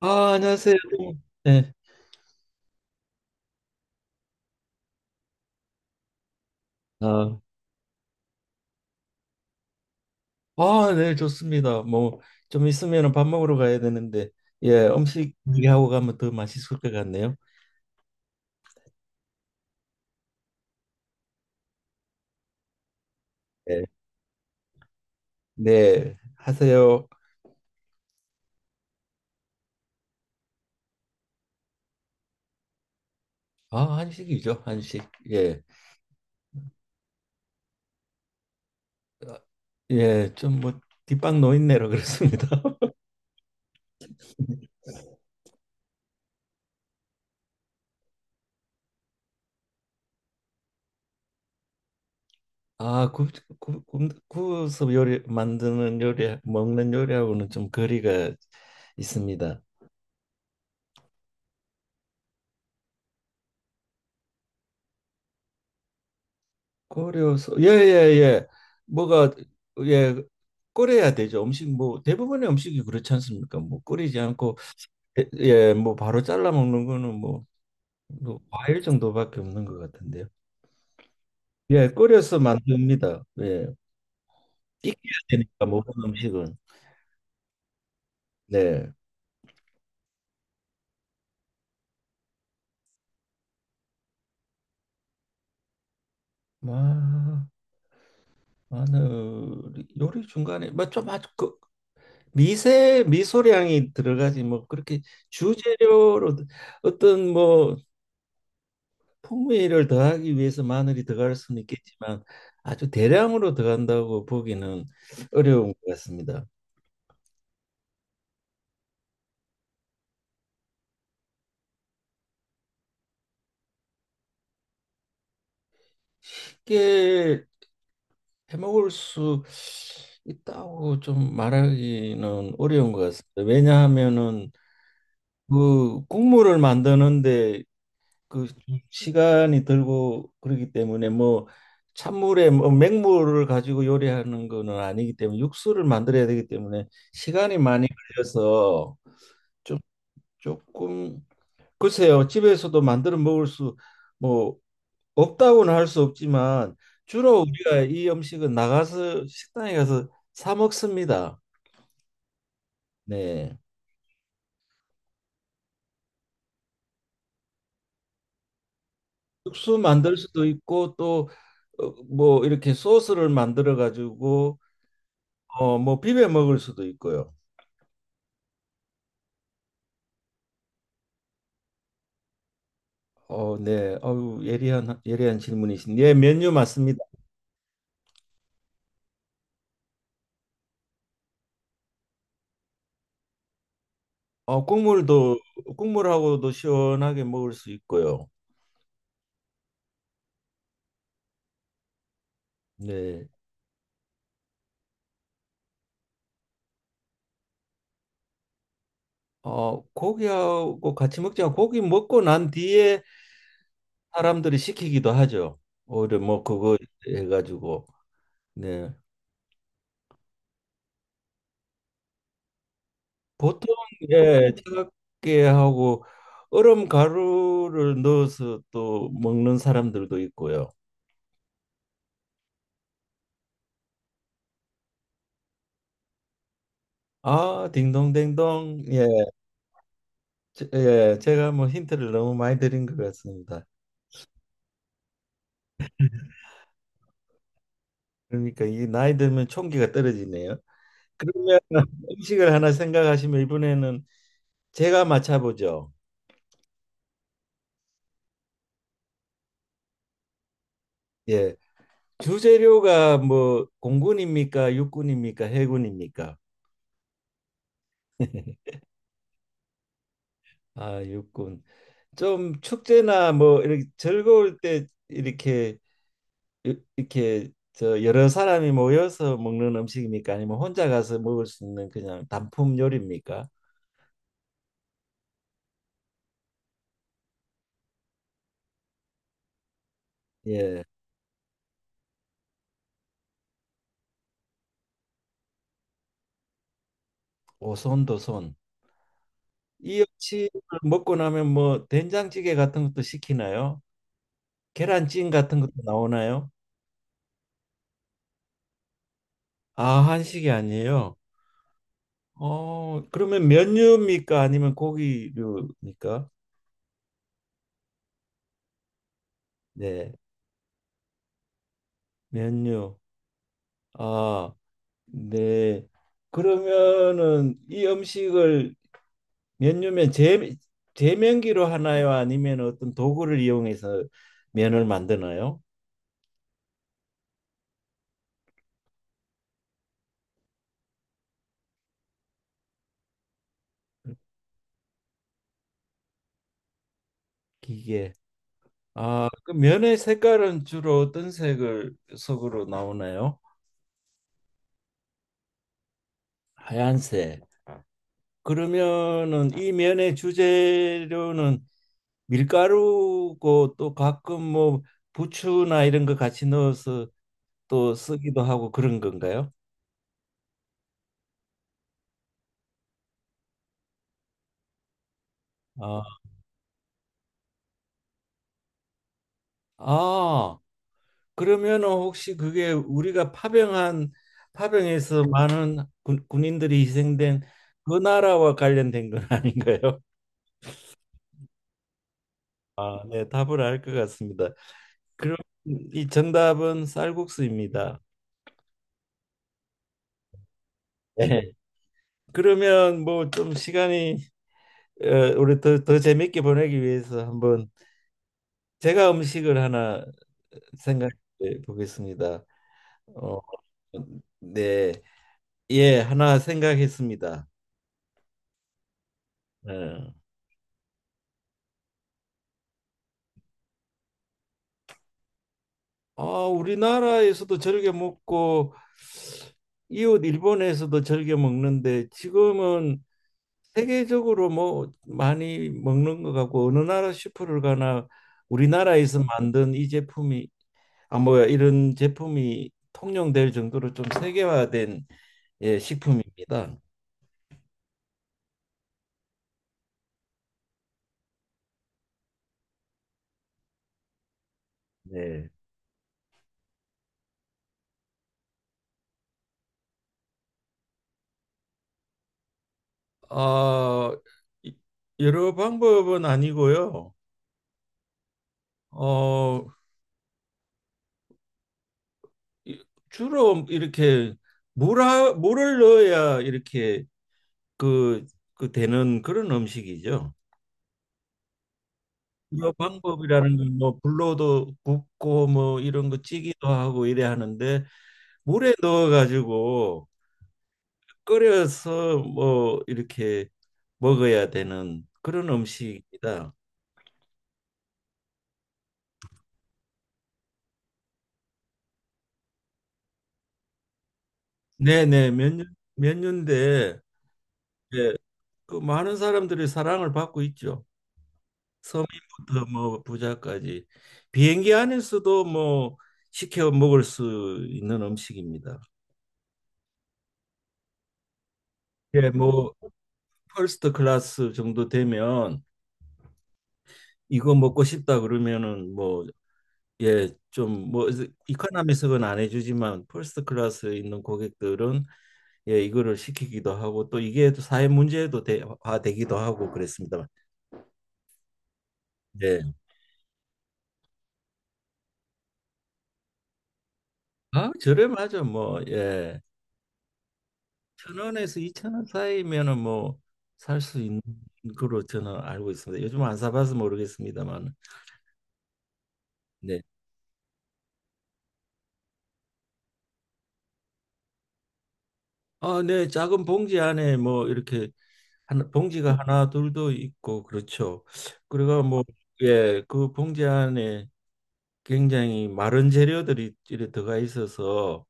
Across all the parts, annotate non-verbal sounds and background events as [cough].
아, 안녕하세요. 네. 아, 아, 네, 좋습니다. 뭐, 좀 있으면 밥 먹으러 가야 되는데, 예, 음식 얘기하고 가면 더 맛있을 것 같네요. 예. 네, 하세요. 아, 한식이죠, 한식. 예, 예, 좀 뭐, 뒷방 노인네로 그렇습니다. [laughs] 아, 구워서 요리, 만드는 요리, 먹는 요리하고는 좀 거리가 있습니다. 고려서. 예예예. 뭐가. 예, 끓여야 되죠. 음식, 뭐 대부분의 음식이 그렇지 않습니까? 뭐 끓이지 않고. 예 예, 뭐 바로 잘라 먹는 거는 뭐, 뭐 과일 정도밖에 없는 것 같은데요. 예, 끓여서 만듭니다. 예, 익혀야 되니까 모든 음식은. 네. 마, 마늘 요리 중간에 뭐좀 아주 그 미세 미소량이 들어가지, 뭐 그렇게 주재료로 어떤 뭐 풍미를 더하기 위해서 마늘이 들어갈 수는 있겠지만 아주 대량으로 들어간다고 보기는 어려운 것 같습니다. 쉽게 해먹을 수 있다고 좀 말하기는 어려운 것 같습니다. 왜냐하면은 그 국물을 만드는데 그 시간이 들고 그러기 때문에, 뭐 찬물에 뭐 맹물을 가지고 요리하는 거는 아니기 때문에 육수를 만들어야 되기 때문에 시간이 많이 걸려서 좀 조금 글쎄요, 집에서도 만들어 먹을 수, 뭐, 없다고는 할 수 없지만, 주로 우리가 이 음식은 나가서 식당에 가서 사 먹습니다. 네. 육수 만들 수도 있고, 또, 어, 뭐, 이렇게 소스를 만들어 가지고, 어, 뭐, 비벼 먹을 수도 있고요. 어, 네. 어우, 예리한 질문이신. 예, 메뉴 맞습니다. 어, 국물하고도 시원하게 먹을 수 있고요. 네. 어, 고기하고 같이 먹지만 고기 먹고 난 뒤에 사람들이 시키기도 하죠. 오히려 뭐 그거 해가지고. 네. 보통 예 차갑게 하고 얼음 가루를 넣어서 또 먹는 사람들도 있고요. 아, 딩동댕동. 예, 예, 제가 뭐 힌트를 너무 많이 드린 것 같습니다. 그러니까 이 나이 들면 총기가 떨어지네요. 그러면 [laughs] 음식을 하나 생각하시면 이번에는 제가 맞춰보죠. 예. 주재료가 뭐 공군입니까? 육군입니까? 해군입니까? [laughs] 아, 육군. 좀 축제나 뭐 이렇게 즐거울 때 이렇게 저 여러 사람이 모여서 먹는 음식입니까? 아니면 혼자 가서 먹을 수 있는 그냥 단품 요리입니까? 예. 오손도손. 이 역시 먹고 나면 뭐 된장찌개 같은 것도 시키나요? 계란찜 같은 것도 나오나요? 아, 한식이 아니에요. 어, 그러면 면류입니까? 아니면 고기류입니까? 네, 면류. 아, 네. 그러면은 이 음식을 면류면 제면기로 하나요? 아니면 어떤 도구를 이용해서 면을 만드나요? 기계. 아, 그 면의 색깔은 주로 어떤 색을 속으로 나오나요? 하얀색. 그러면은 이 면의 주재료는 밀가루고 또 가끔 뭐 부추나 이런 거 같이 넣어서 또 쓰기도 하고 그런 건가요? 아, 아, 그러면은 혹시 그게 우리가 파병한 파병에서 많은 군인들이 희생된 그 나라와 관련된 건 [laughs] 아닌가요? 아, 네, 답을 알 것 같습니다. 그럼 이 정답은 쌀국수입니다. 네. 그러면 뭐 좀 시간이 어, 우리 더 재밌게 보내기 위해서 한번 제가 음식을 하나 생각해 보겠습니다. 어, 네. 예, 하나 생각했습니다. 예. 아, 우리나라에서도 즐겨 먹고 이웃 일본에서도 즐겨 먹는데 지금은 세계적으로 뭐 많이 먹는 것 같고 어느 나라 슈퍼를 가나 우리나라에서 만든 이 제품이 아뭐 이런 제품이 통용될 정도로 좀 세계화된 예, 식품입니다. 네. 아, 이- 여러 방법은 아니고요. 어, 이- 주로 이렇게 물을 넣어야 이렇게 그, 그 되는 그런 음식이죠. 이 방법이라는 건 뭐 불로도 굽고 뭐 이런 거 찌기도 하고 이래 하는데 물에 넣어 가지고 끓여서 뭐 이렇게 먹어야 되는 그런 음식이다. 네네 몇 년대. 예, 그 많은 사람들이 사랑을 받고 있죠. 서민부터 뭐 부자까지 비행기 안에서도 뭐 시켜 먹을 수 있는 음식입니다. 예, 뭐 퍼스트 클래스 정도 되면 이거 먹고 싶다 그러면은 뭐 예, 좀 뭐 이코노미석은 안 해주지만 퍼스트 클래스에 있는 고객들은 예, 이거를 시키기도 하고 또 이게 또 사회 문제도 화 되기도 하고 그랬습니다만. 예. 아, 저렴하죠. 뭐 예. 천 원에서 2,000원 사이면은 뭐 살 수 있는 거로 저는 알고 있습니다. 요즘 안 사봐서 모르겠습니다만. 네. 아, 네. 작은 봉지 안에 뭐 이렇게 하나, 봉지가 하나 둘도 있고 그렇죠. 그리고 뭐 예, 그 봉지 안에 굉장히 마른 재료들이 이렇게 들어가 있어서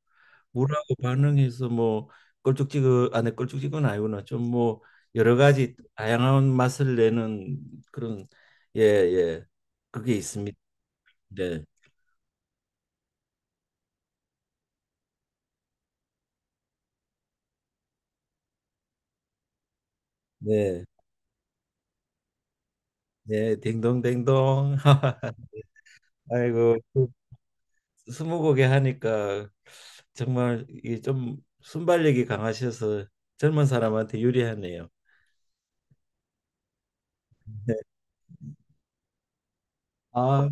물하고 반응해서 뭐 껄쭉지근 안에 껄쭉지근 아니구나 좀 뭐 여러 가지 다양한 맛을 내는 그런 예 예 그게 있습니다. 네. 네. 네, 딩동댕동. [laughs] 아이고, 그 스무고개 하니까 정말 이게 좀 순발력이 강하셔서 젊은 사람한테 유리하네요. 네. 아,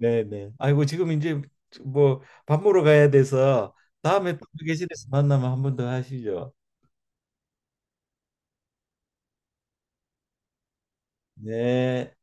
네네. 아이고 지금 이제 뭐 밥 먹으러 가야 돼서 다음에 또 계실에서 만나면 한 번 더 하시죠. 네.